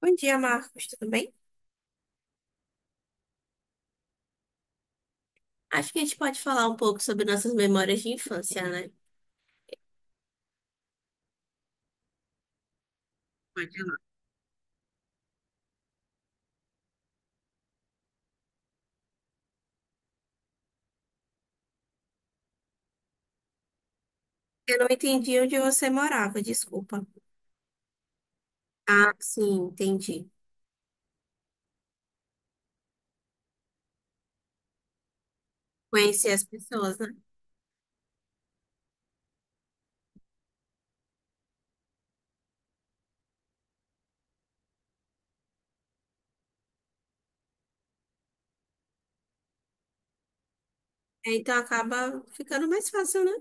Bom dia, Marcos, tudo bem? Acho que a gente pode falar um pouco sobre nossas memórias de infância, né? Pode ir lá. Eu não entendi onde você morava, desculpa. Ah, sim, entendi. Conhecer as pessoas, né? É, então acaba ficando mais fácil, né?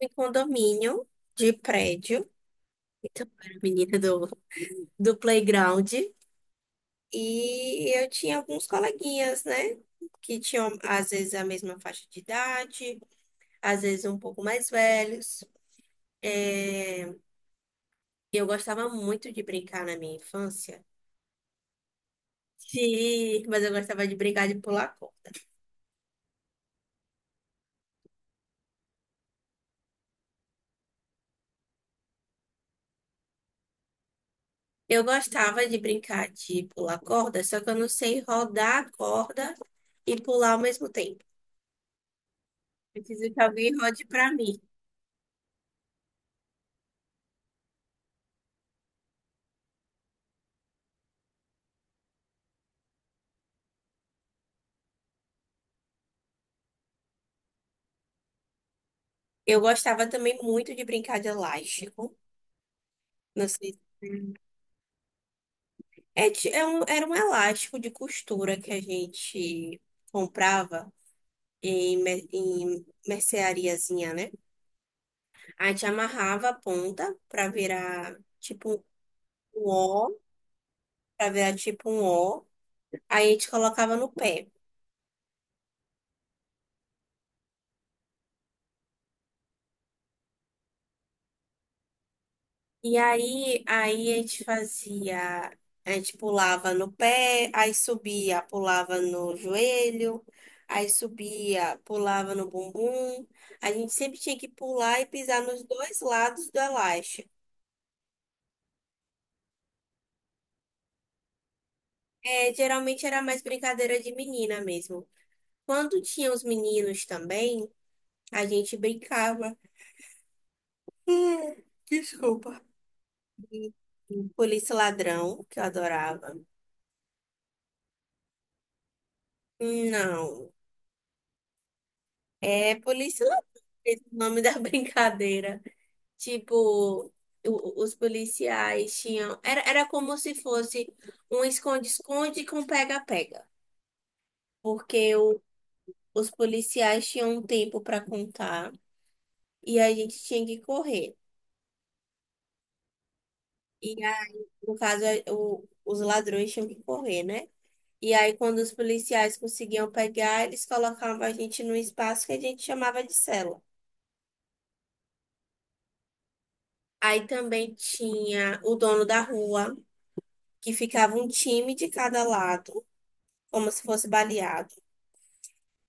Em condomínio, de prédio. Então, eu era menina do playground. E eu tinha alguns coleguinhas, né? Que tinham, às vezes, a mesma faixa de idade, às vezes um pouco mais velhos. É, e eu gostava muito de brincar na minha infância. Sim, mas eu gostava de brincar de pular corda. Eu gostava de brincar de pular corda, só que eu não sei rodar a corda e pular ao mesmo tempo. Preciso que alguém rode pra mim. Eu gostava também muito de brincar de elástico. Não sei se é, era um elástico de costura que a gente comprava em merceariazinha, né? A gente amarrava a ponta para virar tipo um O, pra virar tipo um O. Aí a gente colocava no pé. E aí, a gente fazia, a gente pulava no pé, aí subia, pulava no joelho, aí subia, pulava no bumbum. A gente sempre tinha que pular e pisar nos dois lados do elástico. É, geralmente era mais brincadeira de menina mesmo. Quando tinha os meninos também, a gente brincava. Hum, Desculpa. Polícia Ladrão, que eu adorava. Não, é Polícia Ladrão, esse é o nome da brincadeira. Tipo, os policiais tinham. Era, era como se fosse um esconde-esconde com pega-pega. Porque os policiais tinham um tempo para contar e a gente tinha que correr. E, a- no caso, os ladrões tinham que correr, né? E aí, quando os policiais conseguiam pegar, eles colocavam a gente num espaço que a gente chamava de cela. Aí também tinha o dono da rua, que ficava um time de cada lado, como se fosse baleado.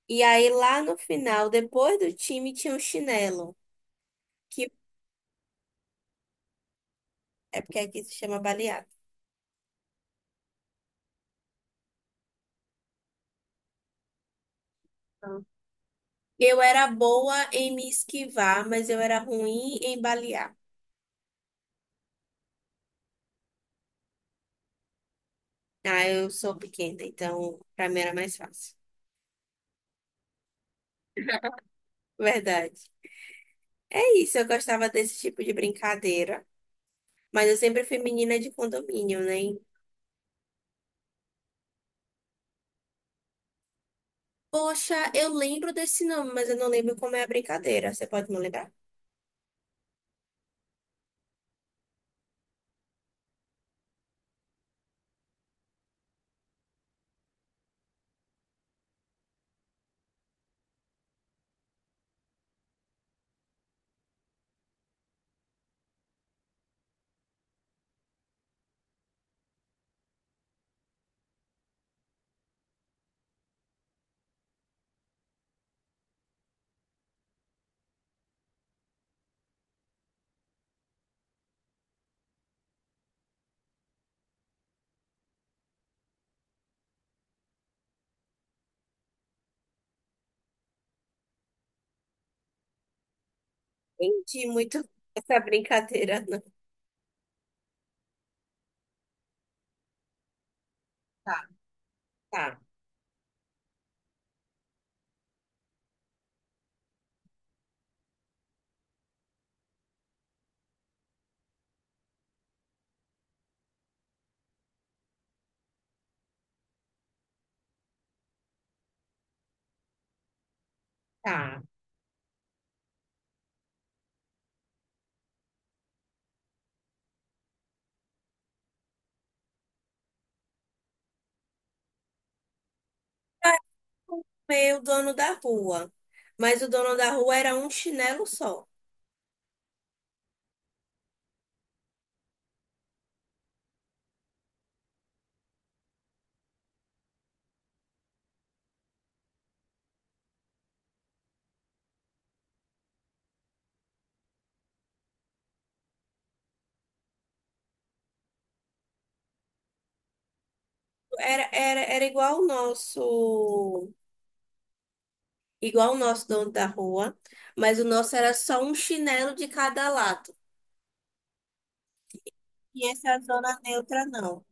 E aí, lá no final, depois do time, tinha o chinelo, que é porque aqui se chama baleado. Então, eu era boa em me esquivar, mas eu era ruim em balear. Ah, eu sou pequena, então pra mim era mais fácil. Verdade. É isso, eu gostava desse tipo de brincadeira. Mas eu sempre fui menina de condomínio, né? Poxa, eu lembro desse nome, mas eu não lembro como é a brincadeira. Você pode me lembrar? Entendi muito essa brincadeira, não. Tá, tá, tá. Pra comer o dono da rua. Mas o dono da rua era um chinelo só. Era, era, era igual o nosso dono da rua, mas o nosso era só um chinelo de cada lado. E essa zona neutra não.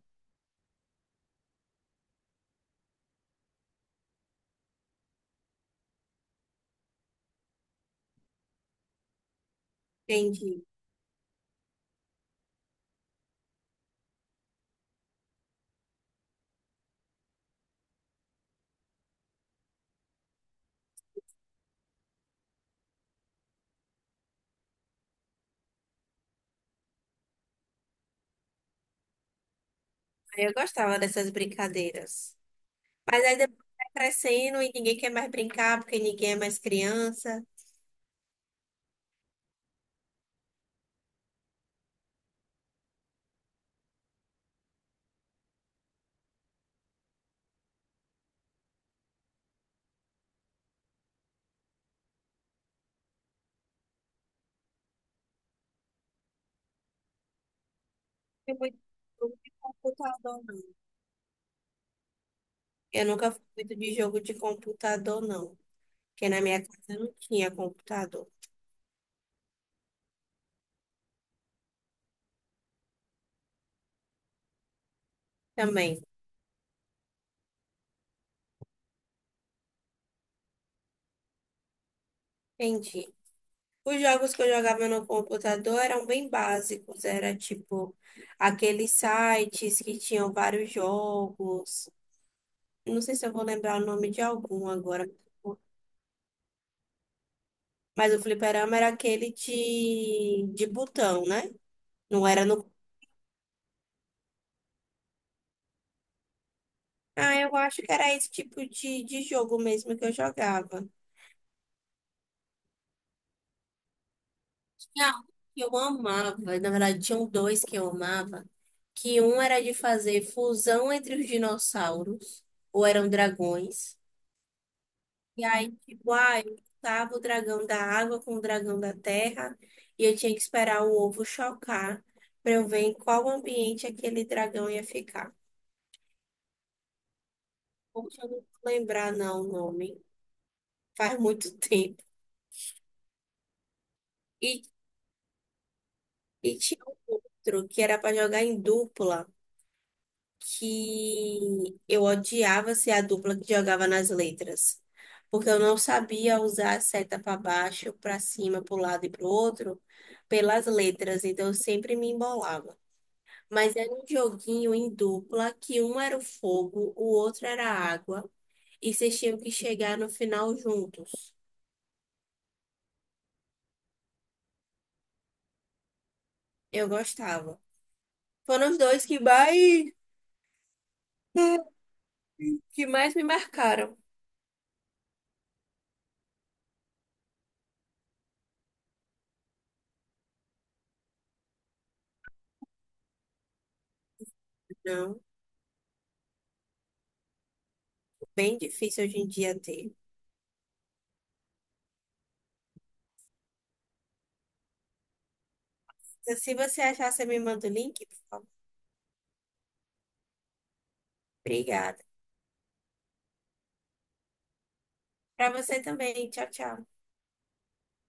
Entendi. Aí eu gostava dessas brincadeiras. Mas aí depois vai crescendo e ninguém quer mais brincar porque ninguém é mais criança. Eu muito jogo de computador, não. Eu nunca fui muito de jogo de computador, não. Porque na minha casa não tinha computador. Também. Entendi. Os jogos que eu jogava no computador eram bem básicos, era tipo aqueles sites que tinham vários jogos. Não sei se eu vou lembrar o nome de algum agora, mas o fliperama era aquele de botão, né? Não era no. Ah, eu acho que era esse tipo de jogo mesmo que eu jogava. Tinha um que eu amava, na verdade, tinham dois que eu amava, que um era de fazer fusão entre os dinossauros, ou eram dragões. E aí, tipo, ah, eu juntava o dragão da água com o dragão da terra e eu tinha que esperar o ovo chocar para eu ver em qual ambiente aquele dragão ia ficar. Poxa, eu não vou lembrar não o nome. Faz muito tempo. E, e tinha um outro que era para jogar em dupla, que eu odiava ser a dupla que jogava nas letras. Porque eu não sabia usar a seta para baixo, para cima, para o lado e para o outro, pelas letras. Então eu sempre me embolava. Mas era um joguinho em dupla, que um era o fogo, o outro era a água, e vocês tinham que chegar no final juntos. Eu gostava. Foram os dois que mais me marcaram. Não, bem difícil hoje em dia ter. Então, se você achar, você me manda o link, por favor. Obrigada. Para você também. Tchau, tchau.